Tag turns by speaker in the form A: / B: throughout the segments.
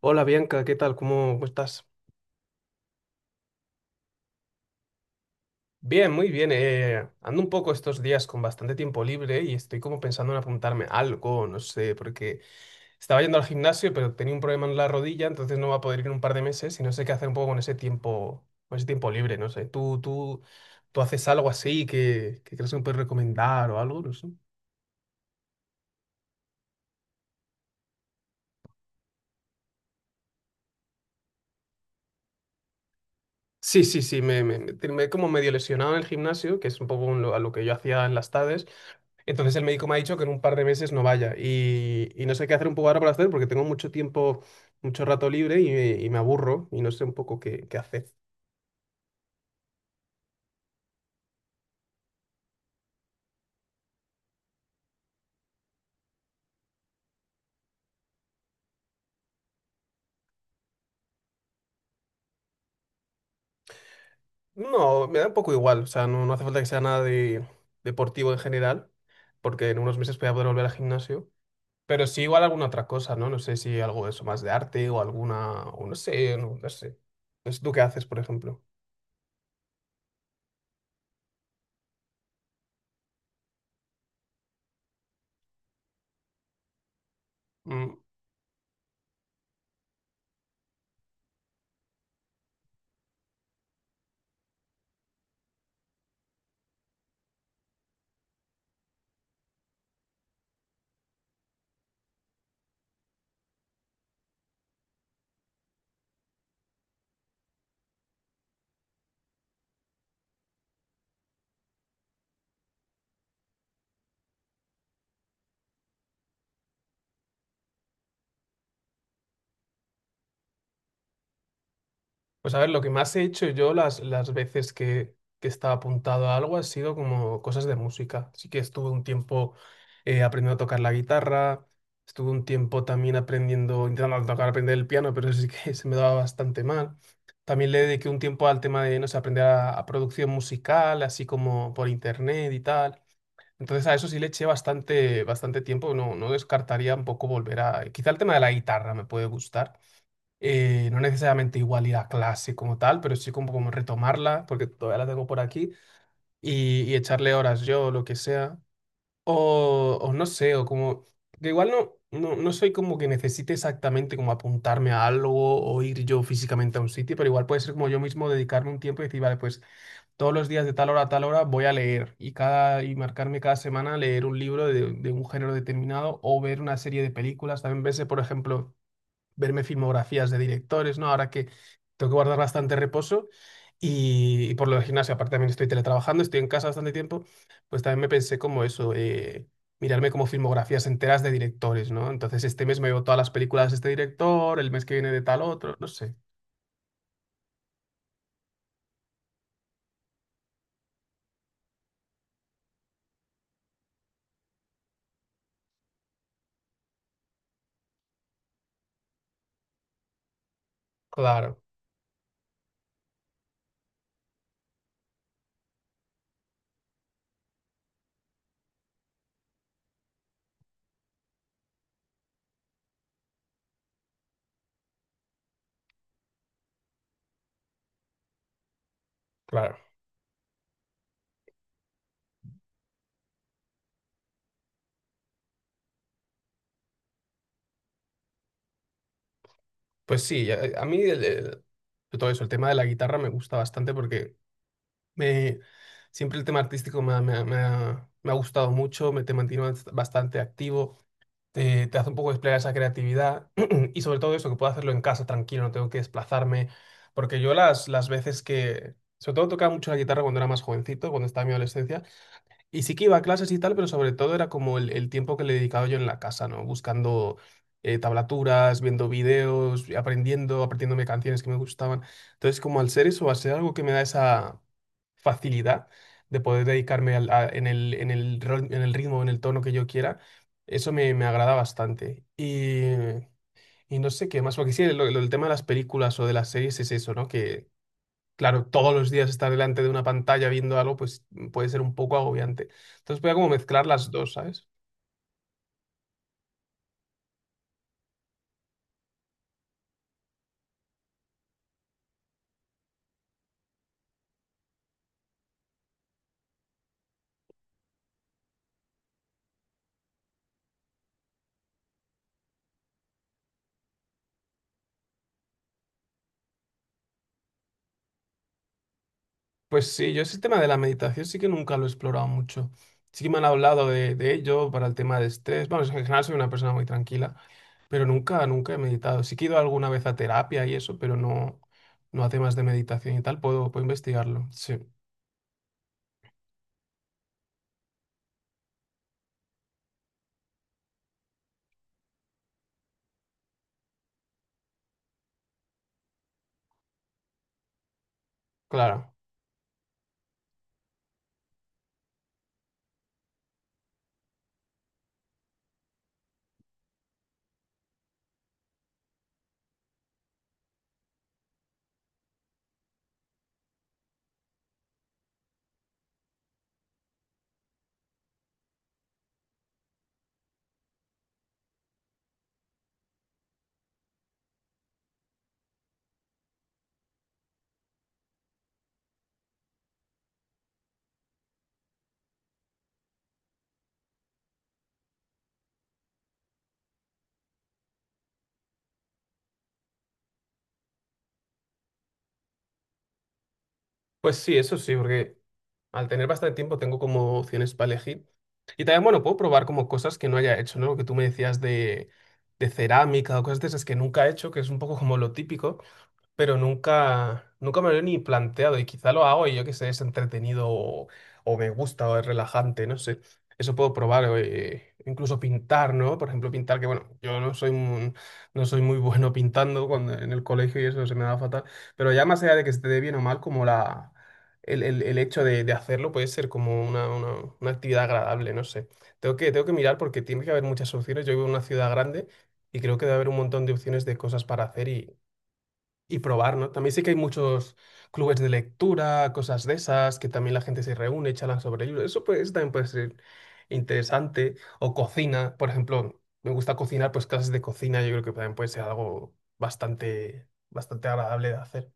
A: Hola Bianca, ¿qué tal? ¿¿Cómo estás? Bien, muy bien. Ando un poco estos días con bastante tiempo libre y estoy como pensando en apuntarme a algo, no sé, porque estaba yendo al gimnasio, pero tenía un problema en la rodilla, entonces no va a poder ir en un par de meses y no sé qué hacer un poco con ese tiempo libre, no sé. ¿Tú haces algo así que crees que me puedes recomendar o algo? No sé. Sí, sí, sí, me he como medio lesionado en el gimnasio, que es un poco a lo que yo hacía en las tardes. Entonces el médico me ha dicho que en un par de meses no vaya y no sé qué hacer un poco ahora para hacer porque tengo mucho tiempo, mucho rato libre y me aburro y no sé un poco qué hacer. No, me da un poco igual, o sea, no, no hace falta que sea nada de deportivo en general porque en unos meses voy a poder volver al gimnasio, pero sí igual alguna otra cosa, ¿no? No sé si algo de eso más de arte o alguna, o no sé, no, no sé. No sé, ¿tú qué haces, por ejemplo? Mm. Pues a ver, lo que más he hecho yo las veces que estaba apuntado a algo ha sido como cosas de música. Sí que estuve un tiempo aprendiendo a tocar la guitarra, estuve un tiempo también aprendiendo, intentando tocar, aprender el piano, pero sí que se me daba bastante mal. También le dediqué un tiempo al tema de, no sé, aprender a producción musical, así como por internet y tal. Entonces a eso sí le eché bastante, bastante tiempo, no, no descartaría un poco volver a... Quizá el tema de la guitarra me puede gustar, no necesariamente igual ir a clase como tal, pero sí como, como retomarla, porque todavía la tengo por aquí, y echarle horas yo, o lo que sea. O no sé, o como, que igual no, no, no soy como que necesite exactamente como apuntarme a algo o ir yo físicamente a un sitio, pero igual puede ser como yo mismo dedicarme un tiempo y decir, vale, pues todos los días de tal hora a tal hora voy a leer y marcarme cada semana leer un libro de un género determinado o ver una serie de películas. También verse, por ejemplo, verme filmografías de directores, ¿no? Ahora que tengo que guardar bastante reposo y por lo del gimnasio, aparte también estoy teletrabajando, estoy en casa bastante tiempo, pues también me pensé como eso, mirarme como filmografías enteras de directores, ¿no? Entonces este mes me veo todas las películas de este director, el mes que viene de tal otro, no sé. Claro, claro. Pues sí, a mí todo eso, el tema de la guitarra me gusta bastante porque me, siempre el tema artístico me ha gustado mucho, me te mantiene bastante activo. Te hace un poco desplegar esa creatividad y sobre todo eso, que puedo hacerlo en casa tranquilo, no tengo que desplazarme, porque yo las veces que, sobre todo tocaba mucho la guitarra cuando era más jovencito, cuando estaba en mi adolescencia, y sí que iba a clases y tal, pero sobre todo era como el tiempo que le dedicaba yo en la casa, ¿no? Buscando tablaturas, viendo videos, aprendiendo, aprendiéndome canciones que me gustaban. Entonces, como al ser eso, al ser algo que me da esa facilidad de poder dedicarme en el, en el ritmo, en el tono que yo quiera, eso me, me agrada bastante. Y no sé qué más, porque sí, el tema de las películas o de las series es eso, ¿no? Que, claro, todos los días estar delante de una pantalla viendo algo, pues puede ser un poco agobiante. Entonces voy a como mezclar las dos, ¿sabes? Pues sí, yo ese tema de la meditación sí que nunca lo he explorado mucho. Sí que me han hablado de ello para el tema de estrés. Vamos, en general soy una persona muy tranquila. Pero nunca, nunca he meditado. Sí que he ido alguna vez a terapia y eso, pero no, no a temas de meditación y tal. Puedo, puedo investigarlo. Sí, claro. Pues sí, eso sí, porque al tener bastante tiempo tengo como opciones para elegir. Y también, bueno, puedo probar como cosas que no haya hecho, ¿no? Lo que tú me decías de cerámica o cosas de esas que nunca he hecho, que es un poco como lo típico. Pero nunca, nunca me lo he ni planteado y quizá lo hago y yo que sé, es entretenido o me gusta o es relajante, no sé. Eso puedo probar, incluso pintar, ¿no? Por ejemplo, pintar, que bueno, yo no soy un- no soy muy bueno pintando cuando, en el colegio y eso se me da fatal, pero ya más allá de que se te dé bien o mal, como el hecho de hacerlo puede ser como una actividad agradable, no sé. Tengo que mirar porque tiene que haber muchas opciones. Yo vivo en una ciudad grande y creo que debe haber un montón de opciones de cosas para hacer y probar, ¿no? También sé que hay muchos clubes de lectura, cosas de esas, que también la gente se reúne, charlan sobre libros. Eso pues, también puede ser interesante. O cocina, por ejemplo, me gusta cocinar, pues clases de cocina, yo creo que también puede ser algo bastante, bastante agradable de hacer.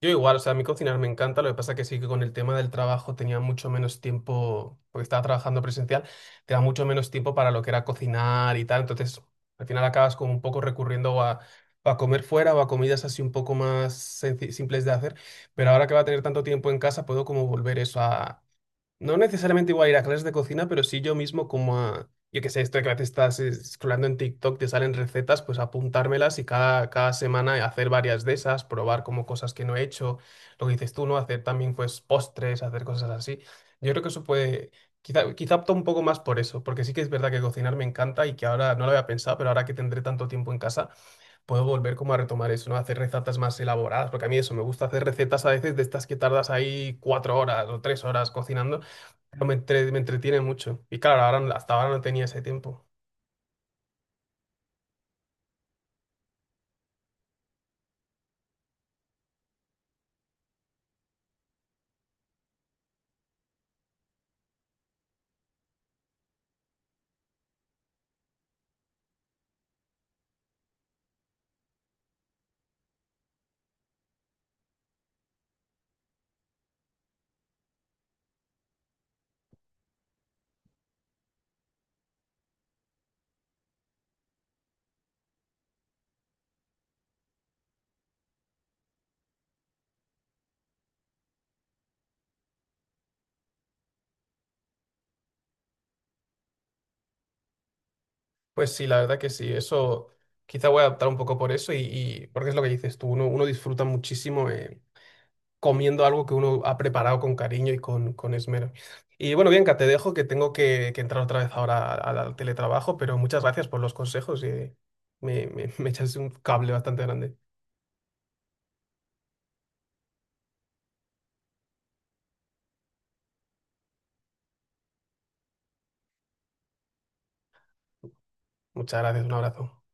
A: Yo igual, o sea, a mí cocinar me encanta, lo que pasa que sí que con el tema del trabajo tenía mucho menos tiempo, porque estaba trabajando presencial, te da mucho menos tiempo para lo que era cocinar y tal, entonces al final acabas como un poco recurriendo a comer fuera o a comidas así un poco más simples de hacer, pero ahora que va a tener tanto tiempo en casa puedo como volver eso, no necesariamente igual ir a clases de cocina, pero sí yo mismo como a, yo qué sé, esto de que a veces estás scrollando en TikTok, te salen recetas, pues apuntármelas y cada semana hacer varias de esas, probar como cosas que no he hecho, lo que dices tú, ¿no? Hacer también pues postres, hacer cosas así. Yo creo que eso puede, quizá, quizá opto un poco más por eso, porque sí que es verdad que cocinar me encanta y que ahora no lo había pensado, pero ahora que tendré tanto tiempo en casa puedo volver como a retomar eso, ¿no? Hacer recetas más elaboradas, porque a mí eso, me gusta hacer recetas a veces de estas que tardas ahí 4 horas o 3 horas cocinando, pero me, me entretiene mucho. Y claro, ahora, hasta ahora no tenía ese tiempo. Pues sí, la verdad que sí, eso quizá voy a adaptar un poco por eso porque es lo que dices tú, uno, uno disfruta muchísimo comiendo algo que uno ha preparado con cariño y con esmero. Y bueno, Bianca, te dejo que tengo que entrar otra vez ahora al al teletrabajo, pero muchas gracias por los consejos y me, me echas un cable bastante grande. Muchas gracias, un abrazo.